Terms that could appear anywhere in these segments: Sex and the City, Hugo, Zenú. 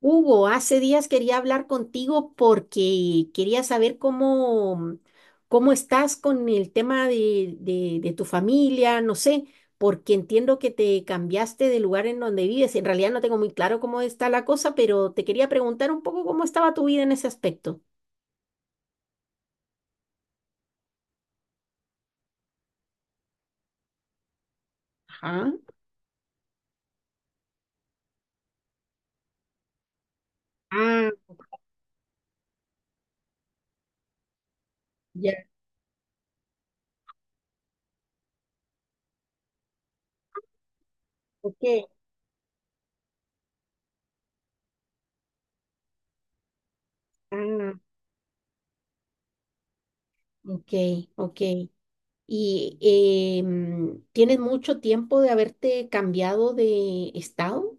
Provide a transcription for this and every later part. Hugo, hace días quería hablar contigo porque quería saber cómo, cómo estás con el tema de, de tu familia, no sé, porque entiendo que te cambiaste de lugar en donde vives. En realidad no tengo muy claro cómo está la cosa, pero te quería preguntar un poco cómo estaba tu vida en ese aspecto. Ajá. Ah, ya, ok. Ah, ok, ok. ¿Y tienes mucho tiempo de haberte cambiado de estado?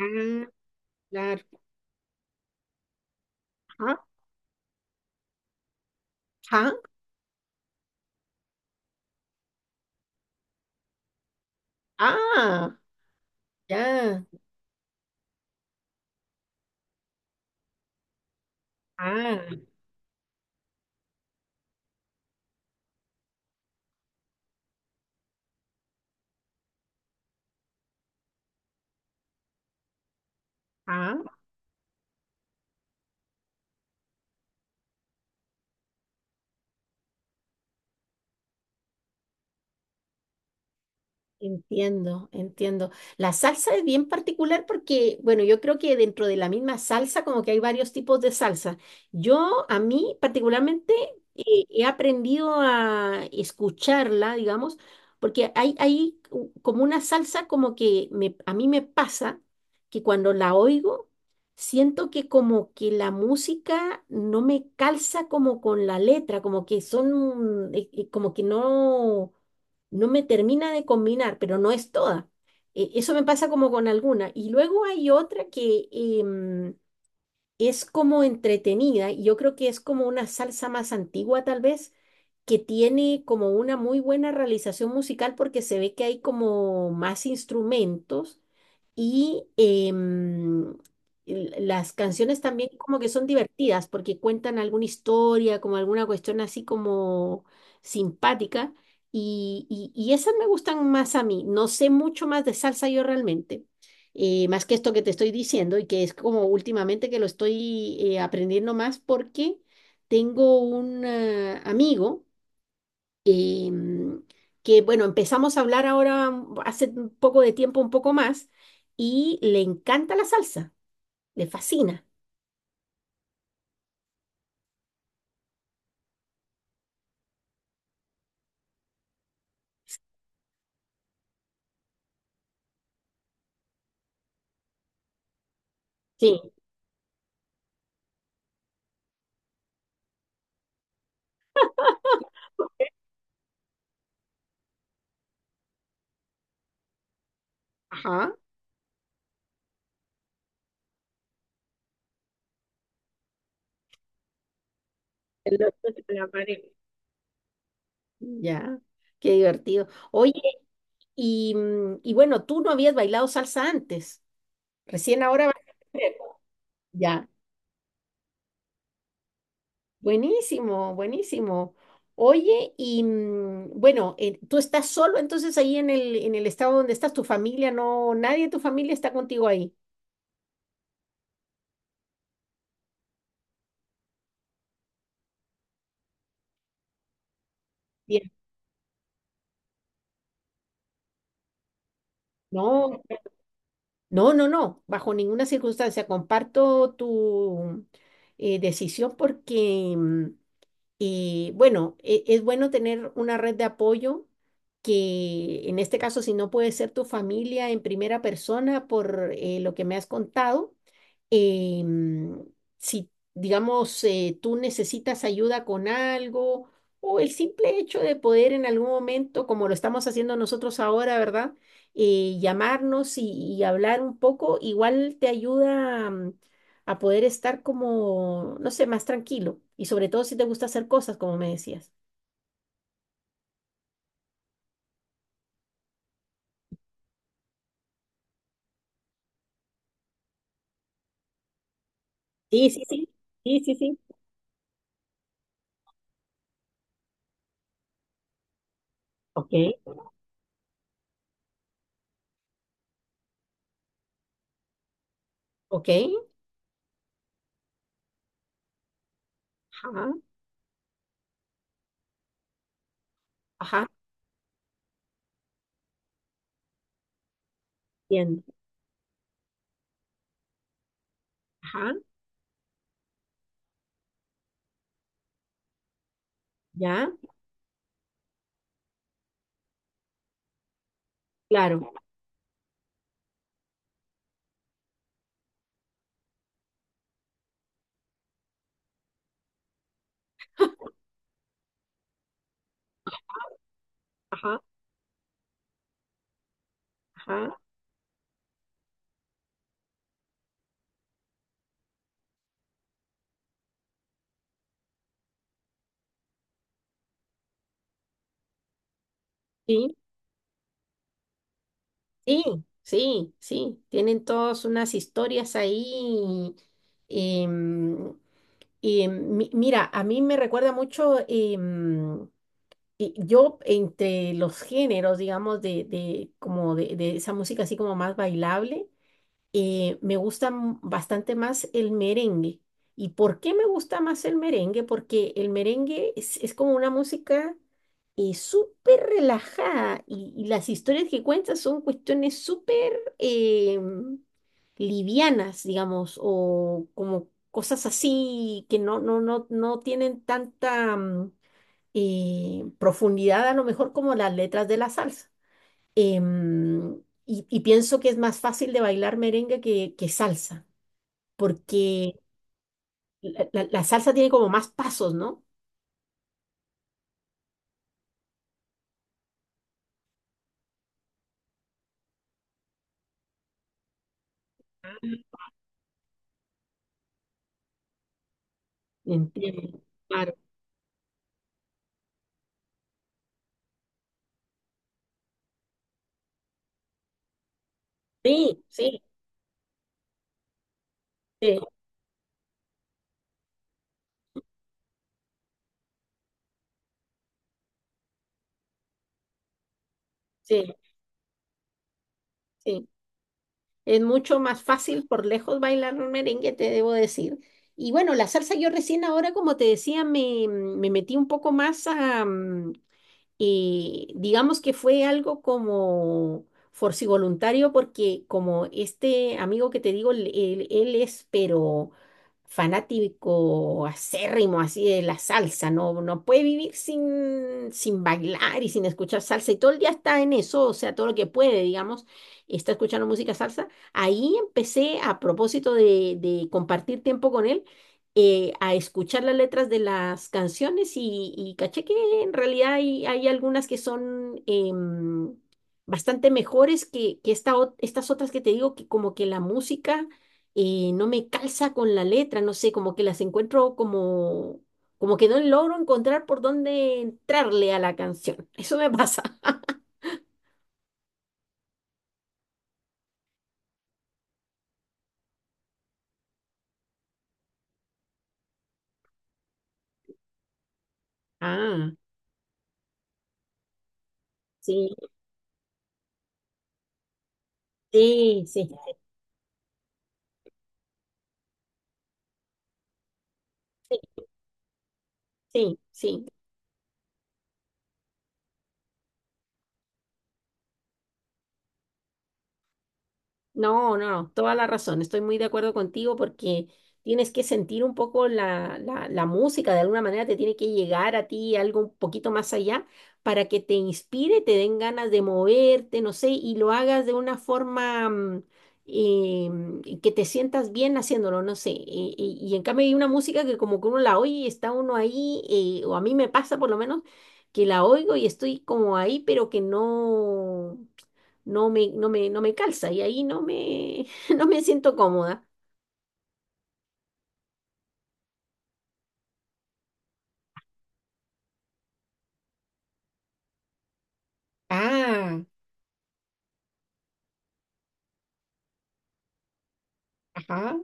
Ah, claro. Ah, ah, ah, ya, ah, ah. Entiendo, entiendo. La salsa es bien particular porque, bueno, yo creo que dentro de la misma salsa como que hay varios tipos de salsa. Yo, a mí particularmente, he aprendido a escucharla, digamos, porque como una salsa como que me, a mí me pasa que cuando la oigo, siento que como que la música no me calza como con la letra, como que son, como que no me termina de combinar, pero no es toda. Eso me pasa como con alguna. Y luego hay otra que es como entretenida, y yo creo que es como una salsa más antigua tal vez, que tiene como una muy buena realización musical porque se ve que hay como más instrumentos y las canciones también como que son divertidas porque cuentan alguna historia, como alguna cuestión así como simpática. Y, y esas me gustan más a mí. No sé mucho más de salsa yo realmente, más que esto que te estoy diciendo y que es como últimamente que lo estoy aprendiendo más porque tengo un amigo em, que bueno, empezamos a hablar ahora hace un poco de tiempo, un poco más, y le encanta la salsa, le fascina. Sí. Ajá. Entonces, la pared. Ya, qué divertido. Oye, y, y bueno, tú no habías bailado salsa antes, recién ahora vas a aprender. Ya, buenísimo, buenísimo. Oye, y bueno, tú estás solo entonces ahí en el estado donde estás, tu familia no, nadie de tu familia está contigo ahí. No, no, no, no, bajo ninguna circunstancia. Comparto tu decisión porque y bueno, es bueno tener una red de apoyo que en este caso, si no puede ser tu familia en primera persona por lo que me has contado, em, si digamos tú necesitas ayuda con algo o el simple hecho de poder en algún momento, como lo estamos haciendo nosotros ahora, ¿verdad? Llamarnos y hablar un poco, igual te ayuda, a poder estar como, no sé, más tranquilo. Y sobre todo si te gusta hacer cosas, como me decías. Sí, sí, sí, sí, sí, sí. Ok. ¿Ok? Ajá, ajá, bien. Ajá, ya, claro, ajá, ajá, sí, sí, sí, sí. Tienen todas unas historias ahí. em, y mira, a mí me recuerda mucho, y yo entre los géneros, digamos, de, como de esa música así como más bailable. Me gusta bastante más el merengue. ¿Y por qué me gusta más el merengue? Porque el merengue es como una música súper relajada y las historias que cuentan son cuestiones súper livianas, digamos, o como cosas así que no, no, no, no tienen tanta mm, profundidad a lo mejor como las letras de la salsa. Em, y pienso que es más fácil de bailar merengue que salsa, porque la, la salsa tiene como más pasos, ¿no? Entiendo. Claro. Sí, sí, sí, sí, sí. Es mucho más fácil por lejos bailar un merengue, te debo decir. Y bueno, la salsa yo recién ahora, como te decía, me metí un poco más a, digamos que fue algo como forcivoluntario porque como este amigo que te digo, él, él es pero fanático acérrimo así de la salsa, no, no puede vivir sin, sin bailar y sin escuchar salsa y todo el día está en eso, o sea, todo lo que puede, digamos, está escuchando música salsa. Ahí empecé a propósito de compartir tiempo con él a escuchar las letras de las canciones y caché que en realidad hay, hay algunas que son bastante mejores que esta estas otras que te digo, que como que la música no me calza con la letra, no sé, como que las encuentro como, como que no logro encontrar por dónde entrarle a la canción. Eso me pasa. Ah, sí, sí, sí, sí, sí, sí. No, no, no, toda la razón. Estoy muy de acuerdo contigo porque tienes que sentir un poco la, la, la música, de alguna manera te tiene que llegar a ti algo un poquito más allá para que te inspire, te den ganas de moverte, no sé, y lo hagas de una forma que te sientas bien haciéndolo, no sé. Y, y en cambio hay una música que como que uno la oye y está uno ahí, o a mí me pasa por lo menos que la oigo y estoy como ahí, pero que no me, no me, no me calza y ahí no me, no me siento cómoda. Ah, ajá.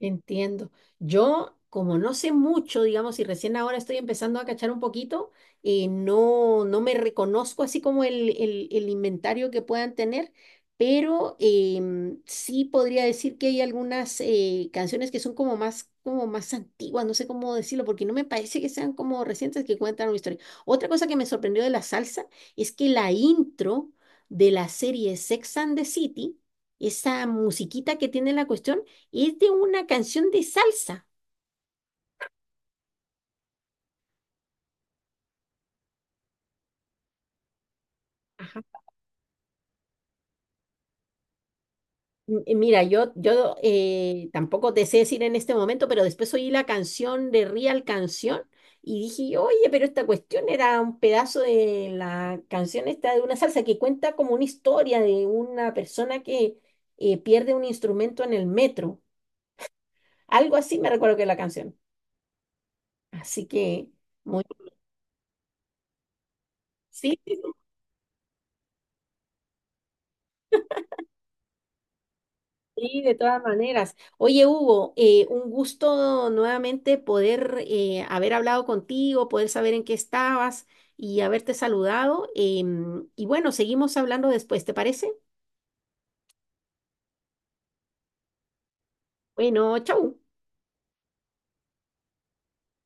Entiendo. Yo, como no sé mucho, digamos, y recién ahora estoy empezando a cachar un poquito, no, no me reconozco así como el, el inventario que puedan tener, pero sí podría decir que hay algunas canciones que son como más antiguas, no sé cómo decirlo, porque no me parece que sean como recientes que cuentan una historia. Otra cosa que me sorprendió de la salsa es que la intro de la serie Sex and the City, esa musiquita que tiene la cuestión, es de una canción de salsa. Ajá. Mira, yo tampoco te sé decir en este momento, pero después oí la canción de Real Canción y dije, oye, pero esta cuestión era un pedazo de la canción esta de una salsa que cuenta como una historia de una persona que pierde un instrumento en el metro. Algo así me recuerdo que es la canción. Así que, muy, sí, sí, de todas maneras. Oye, Hugo, un gusto nuevamente poder haber hablado contigo, poder saber en qué estabas y haberte saludado. Y bueno, seguimos hablando después, ¿te parece? Bueno, chau.